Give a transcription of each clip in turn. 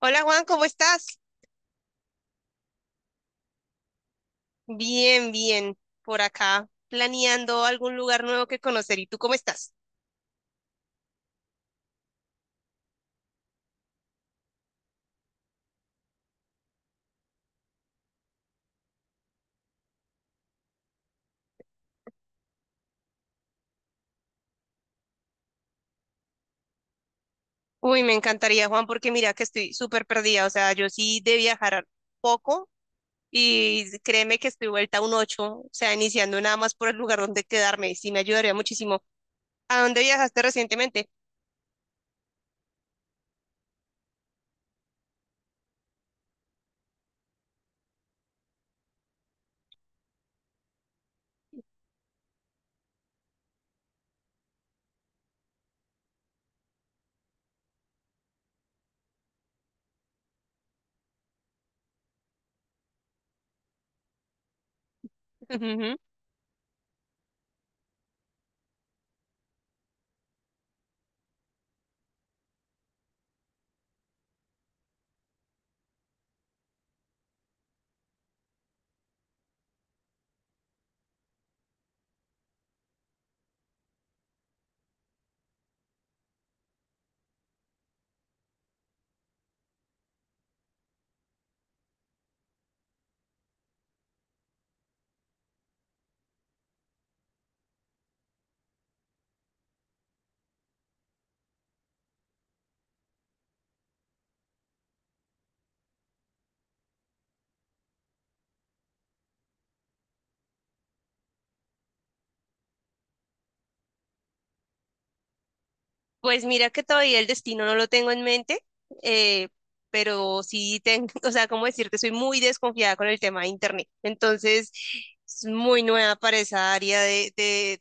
Hola Juan, ¿cómo estás? Bien, bien, por acá, planeando algún lugar nuevo que conocer. ¿Y tú cómo estás? Uy, me encantaría Juan, porque mira que estoy súper perdida. O sea, yo sí de viajar poco. Y créeme que estoy vuelta a un ocho, o sea, iniciando nada más por el lugar donde quedarme, sí me ayudaría muchísimo. ¿A dónde viajaste recientemente? Ujú. Pues mira que todavía el destino no lo tengo en mente, eh, pero sí tengo, o sea, cómo decirte, soy muy desconfiada con el tema de internet. Entonces, es muy nueva para esa área de.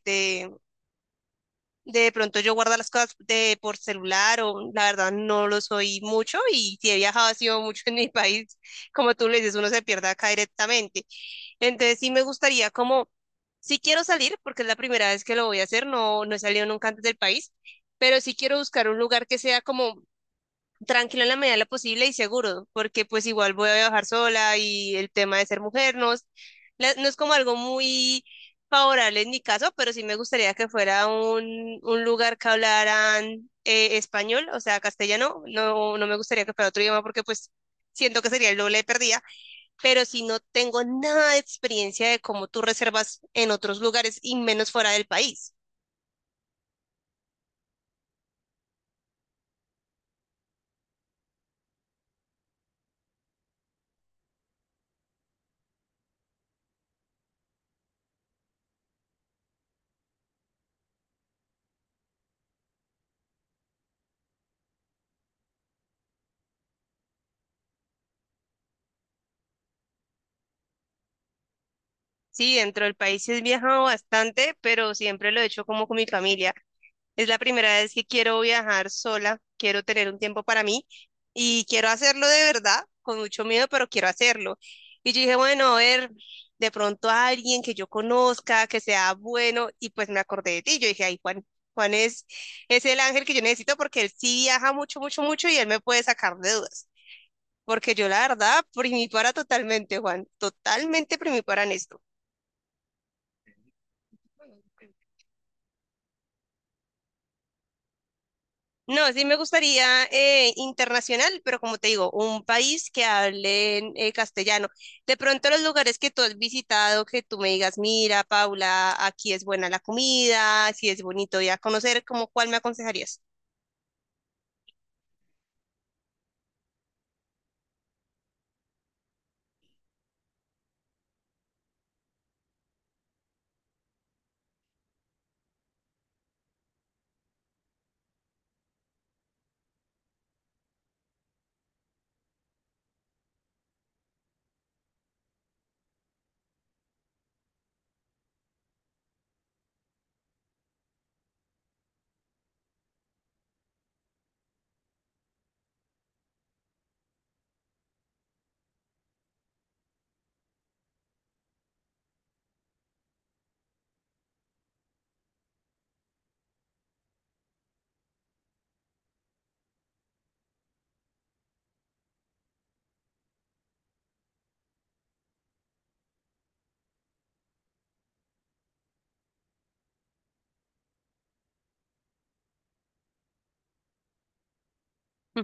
De pronto yo guardo las cosas de, por celular, o la verdad no lo soy mucho, y si he viajado ha sido mucho en mi país, como tú le dices, uno se pierde acá directamente. Entonces sí me gustaría como, sí quiero salir porque es la primera vez que lo voy a hacer, no, no he salido nunca antes del país, pero sí quiero buscar un lugar que sea como tranquilo en la medida de lo posible y seguro, porque pues igual voy a viajar sola y el tema de ser mujer no es, no es como algo muy favorable en mi caso, pero sí me gustaría que fuera un lugar que hablaran español, o sea, castellano, no, no me gustaría que fuera otro idioma porque pues siento que sería el doble de perdida, pero si no tengo nada de experiencia de cómo tú reservas en otros lugares y menos fuera del país. Sí, dentro del país sí he viajado bastante, pero siempre lo he hecho como con mi familia. Es la primera vez que quiero viajar sola, quiero tener un tiempo para mí y quiero hacerlo de verdad, con mucho miedo, pero quiero hacerlo. Y yo dije, bueno, a ver, de pronto a alguien que yo conozca, que sea bueno, y pues me acordé de ti. Yo dije, ay, Juan, Juan es el ángel que yo necesito porque él sí viaja mucho, mucho, mucho y él me puede sacar de dudas. Porque yo la verdad, primipara totalmente, Juan, totalmente primipara en esto. No, sí me gustaría internacional, pero como te digo, un país que hable en castellano. De pronto los lugares que tú has visitado, que tú me digas, mira, Paula, aquí es buena la comida, si es bonito ir a conocer, ¿cómo cuál me aconsejarías? Mm.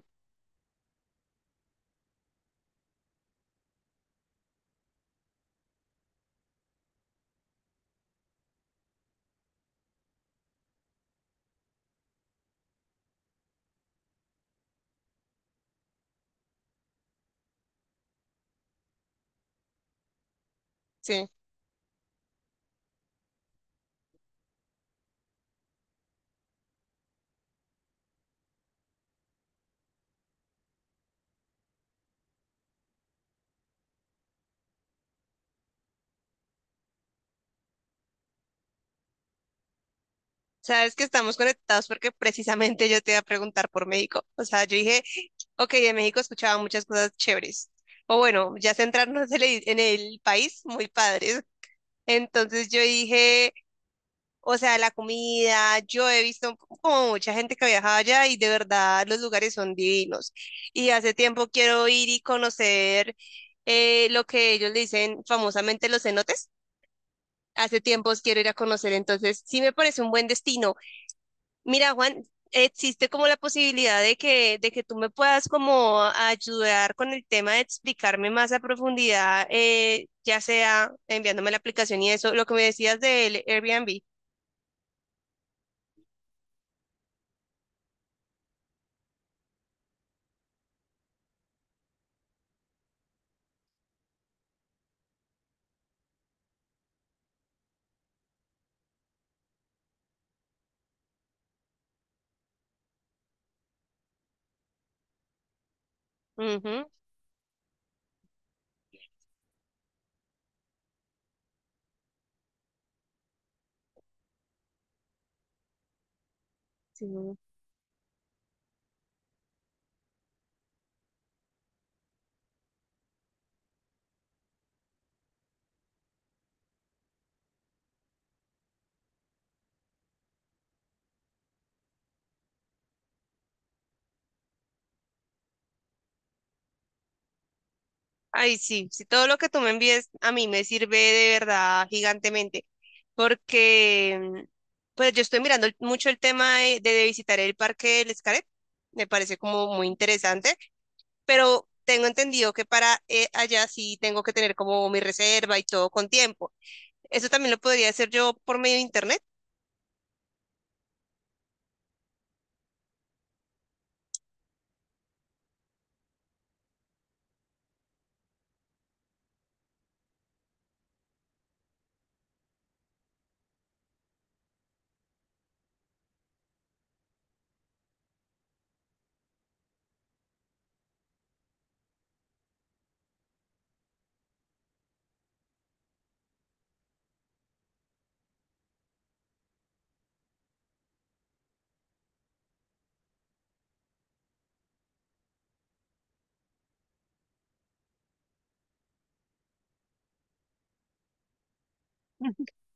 Sí. Sabes que estamos conectados porque precisamente yo te iba a preguntar por México. O sea, yo dije, ok, de México escuchaba muchas cosas chéveres. O bueno, ya centrarnos en el país, muy padres. Entonces yo dije... O sea, la comida, yo he visto como mucha gente que viaja allá y de verdad los lugares son divinos. Y hace tiempo quiero ir y conocer lo que ellos le dicen famosamente los cenotes. Hace tiempos quiero ir a conocer, entonces sí me parece un buen destino. Mira, Juan, existe como la posibilidad de que tú me puedas como ayudar con el tema de explicarme más a profundidad, ya sea enviándome la aplicación y eso, lo que me decías del Airbnb. Ujú, sí. Ay, sí, si todo lo que tú me envíes a mí me sirve de verdad gigantemente, porque pues yo estoy mirando mucho el tema de visitar el parque del Xcaret, me parece como muy interesante, pero tengo entendido que para allá sí tengo que tener como mi reserva y todo con tiempo. Eso también lo podría hacer yo por medio de internet.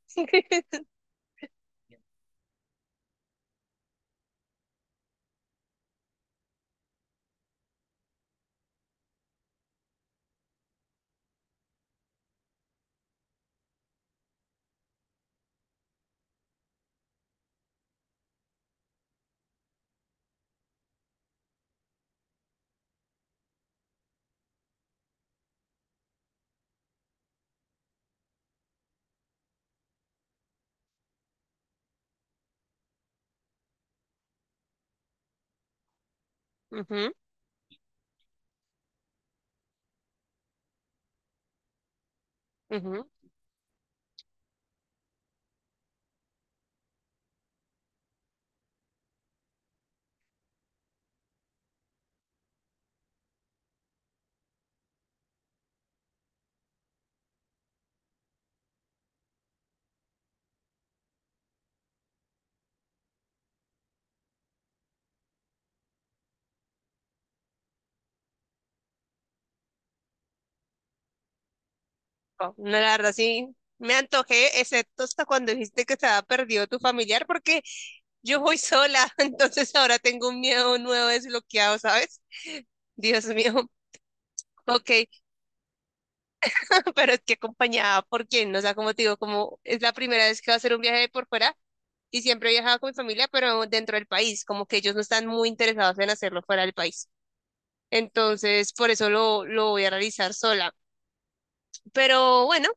Ujú, ujú. Oh, no, la verdad sí, me antojé, excepto hasta cuando dijiste que estaba perdido tu familiar, porque yo voy sola, entonces ahora tengo un miedo nuevo desbloqueado, ¿sabes? Dios mío. Ok, pero es que acompañada por quién, o sea, como te digo, como es la primera vez que va a hacer un viaje de por fuera y siempre he viajado con mi familia, pero dentro del país, como que ellos no están muy interesados en hacerlo fuera del país. Entonces, por eso lo voy a realizar sola. Pero bueno,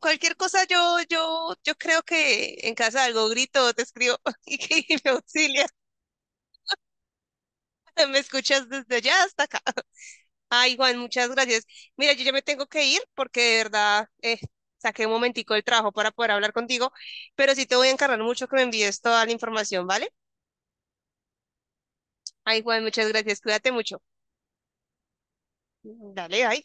cualquier cosa yo, yo creo que en casa algo grito, te escribo y, que me auxilia. Me escuchas desde allá hasta acá. Ay, Juan, muchas gracias. Mira, yo ya me tengo que ir porque de verdad saqué un momentico del trabajo para poder hablar contigo, pero sí te voy a encargar mucho que me envíes toda la información, ¿vale? Ay, Juan, muchas gracias. Cuídate mucho. Dale, bye.